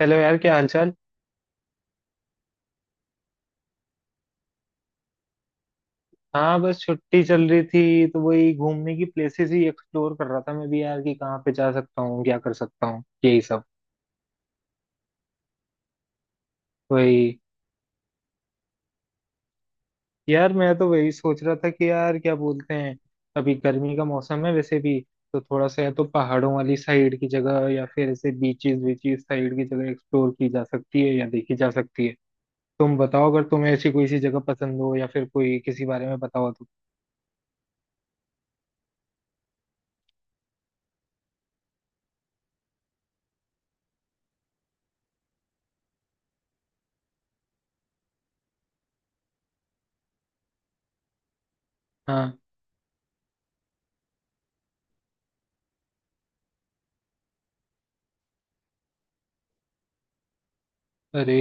Hello यार, क्या हालचाल। हाँ, बस छुट्टी चल रही थी तो वही घूमने की प्लेसेस ही एक्सप्लोर कर रहा था मैं भी यार, कि कहाँ पे जा सकता हूँ, क्या कर सकता हूँ, यही सब। वही। यार, मैं तो वही सोच रहा था कि यार क्या बोलते हैं। अभी गर्मी का मौसम है वैसे भी। तो थोड़ा सा, या तो पहाड़ों वाली साइड की जगह या फिर ऐसे बीचेस बीचेस साइड की जगह एक्सप्लोर की जा सकती है या देखी जा सकती है। तुम बताओ, अगर तुम्हें ऐसी कोई सी जगह पसंद हो या फिर कोई किसी बारे में बताओ तो। हाँ। अरे,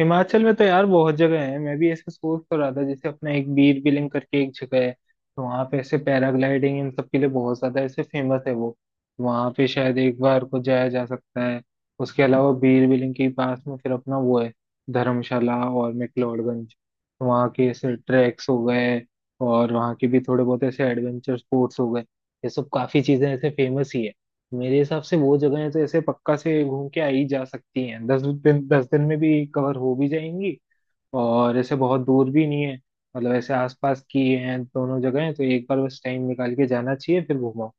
हिमाचल में तो यार बहुत जगह है। मैं भी ऐसे सोच तो रहा था, जैसे अपना एक बीर बिलिंग करके एक जगह है, तो वहां पे ऐसे पैराग्लाइडिंग इन सब के लिए बहुत ज्यादा ऐसे फेमस है वो। वहां पे शायद एक बार को जाया जा सकता है। उसके अलावा बीर बिलिंग के पास में फिर अपना वो है, धर्मशाला और मैक्लोडगंज। तो वहाँ के ऐसे ट्रैक्स हो गए, और वहाँ के भी थोड़े बहुत ऐसे एडवेंचर स्पोर्ट्स हो गए, ये सब काफी चीजें ऐसे फेमस ही है। मेरे हिसाब से वो जगहें तो ऐसे पक्का से घूम के आई जा सकती हैं, 10 दिन 10 दिन में भी कवर हो भी जाएंगी। और ऐसे बहुत दूर भी नहीं है। मतलब ऐसे आसपास की हैं दोनों जगहें, तो एक बार बस टाइम निकाल के जाना चाहिए फिर घूमो।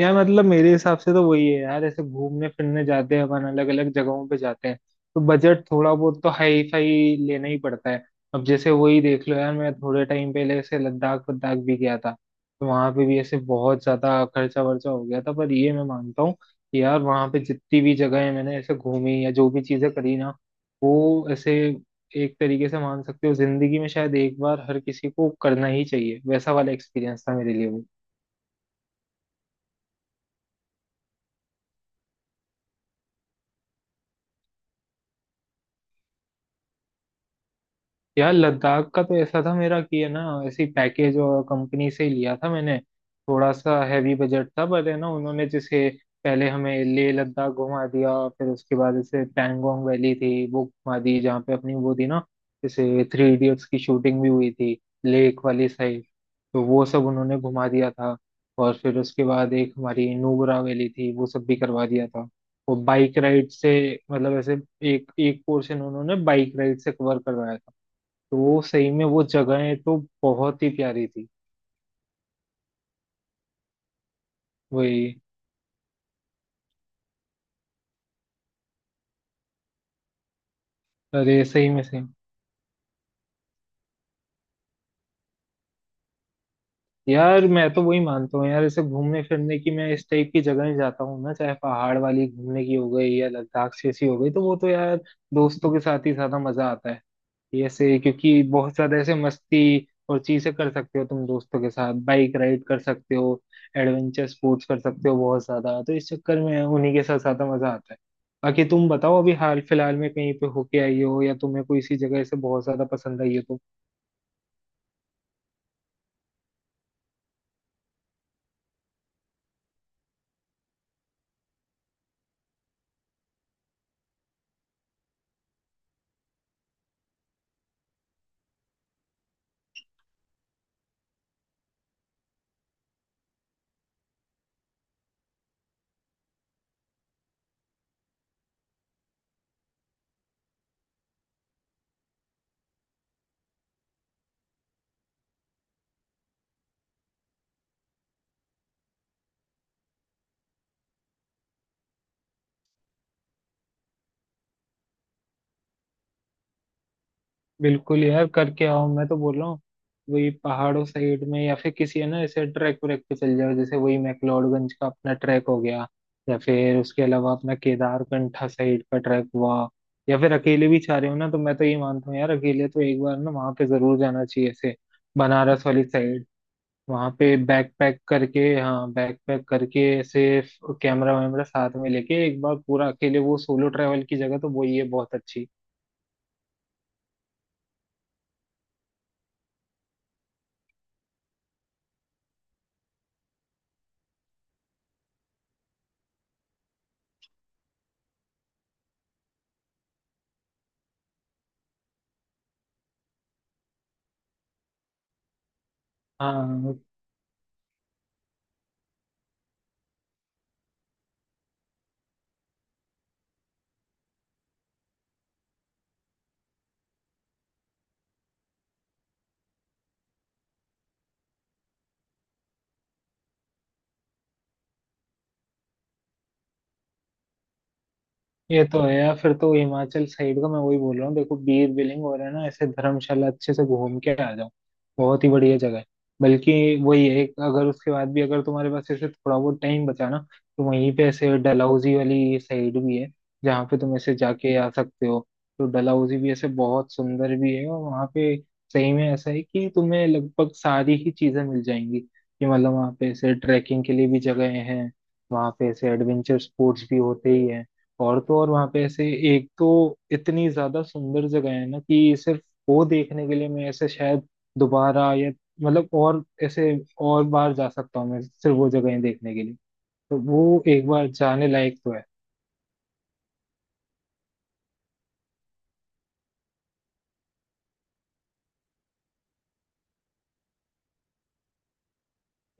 यार मतलब मेरे हिसाब से तो वही है यार, ऐसे घूमने फिरने जाते हैं अपन अलग अलग जगहों पे जाते हैं। तो बजट थोड़ा बहुत तो हाई फाई लेना ही पड़ता है। अब जैसे वही देख लो यार, मैं थोड़े टाइम पहले ऐसे लद्दाख वद्दाख भी गया था। तो वहां पे भी ऐसे बहुत ज्यादा खर्चा वर्चा हो गया था, पर ये मैं मानता हूँ कि यार वहां पे जितनी भी जगह मैंने ऐसे घूमी या जो भी चीजें करी ना, वो ऐसे, एक तरीके से मान सकते हो जिंदगी में शायद एक बार हर किसी को करना ही चाहिए, वैसा वाला एक्सपीरियंस था मेरे लिए वो। यार लद्दाख का तो ऐसा था मेरा कि है ना, ऐसी पैकेज और कंपनी से ही लिया था मैंने। थोड़ा सा हैवी बजट था, पर है ना उन्होंने जैसे पहले हमें लेह लद्दाख घुमा दिया, फिर उसके बाद जैसे पैंगोंग वैली थी वो घुमा दी, जहाँ पे अपनी वो थी ना, जैसे थ्री इडियट्स की शूटिंग भी हुई थी, लेक वाली साइड। तो वो सब उन्होंने घुमा दिया था। और फिर उसके बाद एक हमारी नुब्रा वैली थी, वो सब भी करवा दिया था, वो बाइक राइड से। मतलब ऐसे एक एक पोर्शन उन्होंने बाइक राइड से कवर करवाया। तो सही में वो जगहें तो बहुत ही प्यारी थी। वही। अरे, सही में, सही में। यार मैं तो वही मानता हूँ यार, ऐसे घूमने फिरने की मैं इस टाइप की जगह जाता हूँ ना, चाहे पहाड़ वाली घूमने की हो गई या लद्दाख जैसी हो गई, तो वो तो यार दोस्तों के साथ ही ज्यादा मजा आता है। ये ऐसे क्योंकि बहुत ज्यादा ऐसे मस्ती और चीजें कर सकते हो तुम दोस्तों के साथ, बाइक राइड कर सकते हो, एडवेंचर स्पोर्ट्स कर सकते हो बहुत ज्यादा, तो इस चक्कर में उन्हीं के साथ ज्यादा मजा आता है। बाकी तुम बताओ, अभी हाल फिलहाल में कहीं पे होके आई हो या तुम्हें कोई इसी जगह से बहुत ज्यादा पसंद आई हो तो? बिल्कुल यार, करके आओ मैं तो बोल रहा हूँ। वही पहाड़ों साइड में या फिर किसी है ना, जैसे ट्रैक व्रैक पे चल जाओ, जैसे वही मैक्लोडगंज का अपना ट्रैक हो गया, या फिर उसके अलावा अपना केदारकंठा साइड का ट्रैक हुआ। या फिर अकेले भी चाह रहे हो ना, तो मैं तो ये मानता हूँ यार, अकेले तो एक बार ना वहाँ पे जरूर जाना चाहिए ऐसे, बनारस वाली साइड। वहाँ पे बैकपैक करके, हाँ बैकपैक करके ऐसे कैमरा वैमरा साथ में लेके एक बार पूरा अकेले, वो सोलो ट्रैवल की जगह तो वो ये बहुत अच्छी। हाँ, ये तो है यार, फिर तो हिमाचल साइड का मैं वही बोल रहा हूँ, देखो बीर बिलिंग हो रहा है ना ऐसे, धर्मशाला अच्छे से घूम के आ जाओ। बहुत ही बढ़िया जगह है। बल्कि वही है अगर उसके बाद भी अगर तुम्हारे पास ऐसे थोड़ा बहुत टाइम बचा ना, तो वहीं पे ऐसे डलहौजी वाली साइड भी है, जहाँ पे तुम ऐसे जाके आ सकते हो। तो डलहौजी भी ऐसे बहुत सुंदर भी है, और वहाँ पे सही में ऐसा है कि तुम्हें लगभग सारी ही चीजें मिल जाएंगी, कि मतलब वहाँ पे ऐसे ट्रैकिंग के लिए भी जगह हैं, वहाँ पे ऐसे एडवेंचर स्पोर्ट्स भी होते ही हैं। और तो और वहां पे ऐसे एक तो इतनी ज्यादा सुंदर जगह है ना, कि सिर्फ वो देखने के लिए मैं ऐसे शायद दोबारा या, मतलब, और ऐसे और बार जा सकता हूँ मैं सिर्फ वो जगहें देखने के लिए। तो वो एक बार जाने लायक तो है।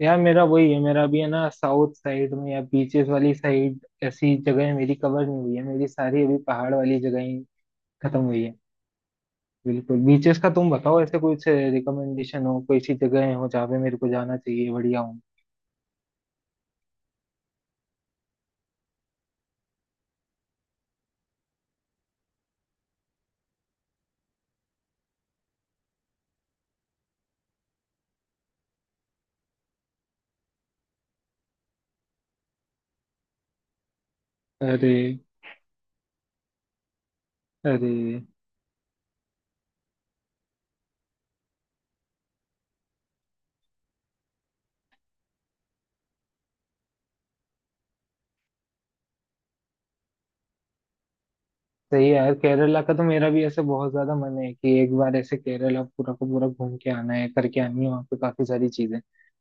यार मेरा वही है मेरा भी है ना, साउथ साइड में या बीचेस वाली साइड ऐसी जगहें मेरी कवर नहीं हुई है, मेरी सारी अभी पहाड़ वाली जगहें खत्म हुई है। बिल्कुल, बीचेस का तुम बताओ, ऐसे कुछ रिकमेंडेशन हो, कोई सी जगहें हो जहाँ पे मेरे को जाना चाहिए, बढ़िया हो। अरे। अरे सही है यार, केरला का तो मेरा भी ऐसे बहुत ज्यादा मन है कि एक बार ऐसे केरला पूरा का पूरा घूम के आना है, करके आनी है वहाँ पे काफी सारी चीजें।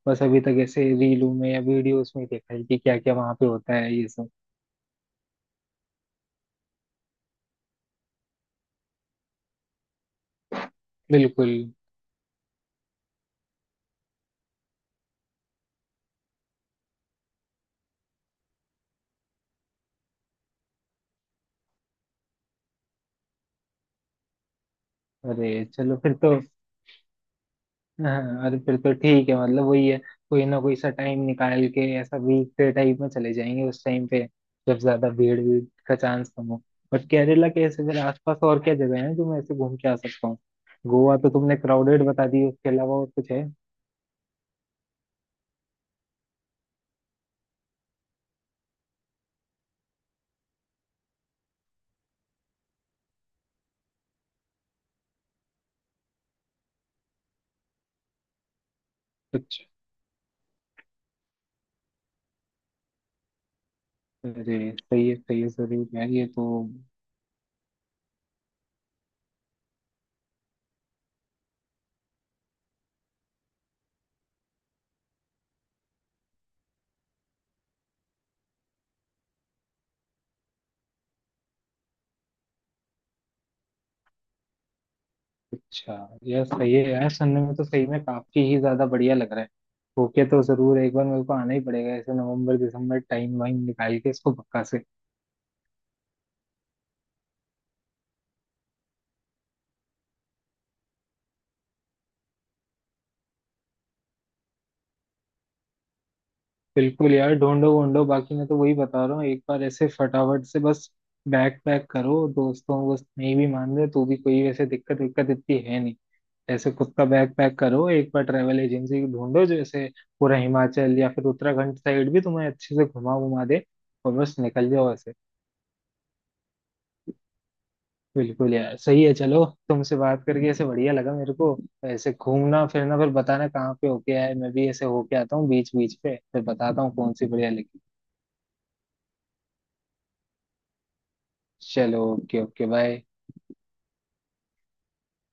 बस अभी तक ऐसे रीलों में या वीडियोस में देखा है कि क्या क्या वहाँ पे होता है ये सब। बिल्कुल। अरे चलो फिर तो, हाँ अरे फिर तो ठीक है, मतलब वही है, कोई ना कोई सा टाइम निकाल के ऐसा वीकडे टाइप में चले जाएंगे उस टाइम पे, जब ज्यादा भीड़ भीड़ का चांस कम हो। बट केरला के ऐसे फिर आसपास और क्या जगह है जो मैं ऐसे घूम के आ सकता हूँ, गोवा तो तुमने क्राउडेड बता दी, उसके अलावा और कुछ है। अच्छा, अरे सही है जरूर यार, ये तो। अच्छा, यार सही है यार, सुनने में तो सही में काफी ही ज्यादा बढ़िया लग रहा है। ओके, तो जरूर एक बार मेरे को आना ही पड़ेगा ऐसे, नवंबर दिसंबर टाइम वाइम निकाल के इसको पक्का से। बिल्कुल यार, ढूंढो ढूंढो, बाकी मैं तो वही बता रहा हूँ, एक बार ऐसे फटाफट से बस बैक पैक करो, दोस्तों वो नहीं भी मान रहे तो भी कोई वैसे दिक्कत विक्कत इतनी है नहीं। ऐसे खुद का बैग पैक करो, एक बार ट्रेवल एजेंसी ढूंढो जो ऐसे पूरा हिमाचल या फिर उत्तराखंड साइड भी तुम्हें अच्छे से घुमा घुमा दे, और बस निकल जाओ ऐसे। बिल्कुल यार, सही है, चलो। तुमसे बात करके ऐसे बढ़िया लगा मेरे को। ऐसे घूमना फिरना, फिर बताना कहाँ पे होके आए, मैं भी ऐसे होके आता हूँ बीच बीच पे, फिर बताता हूँ कौन सी बढ़िया लगी। चलो, ओके ओके, बाय।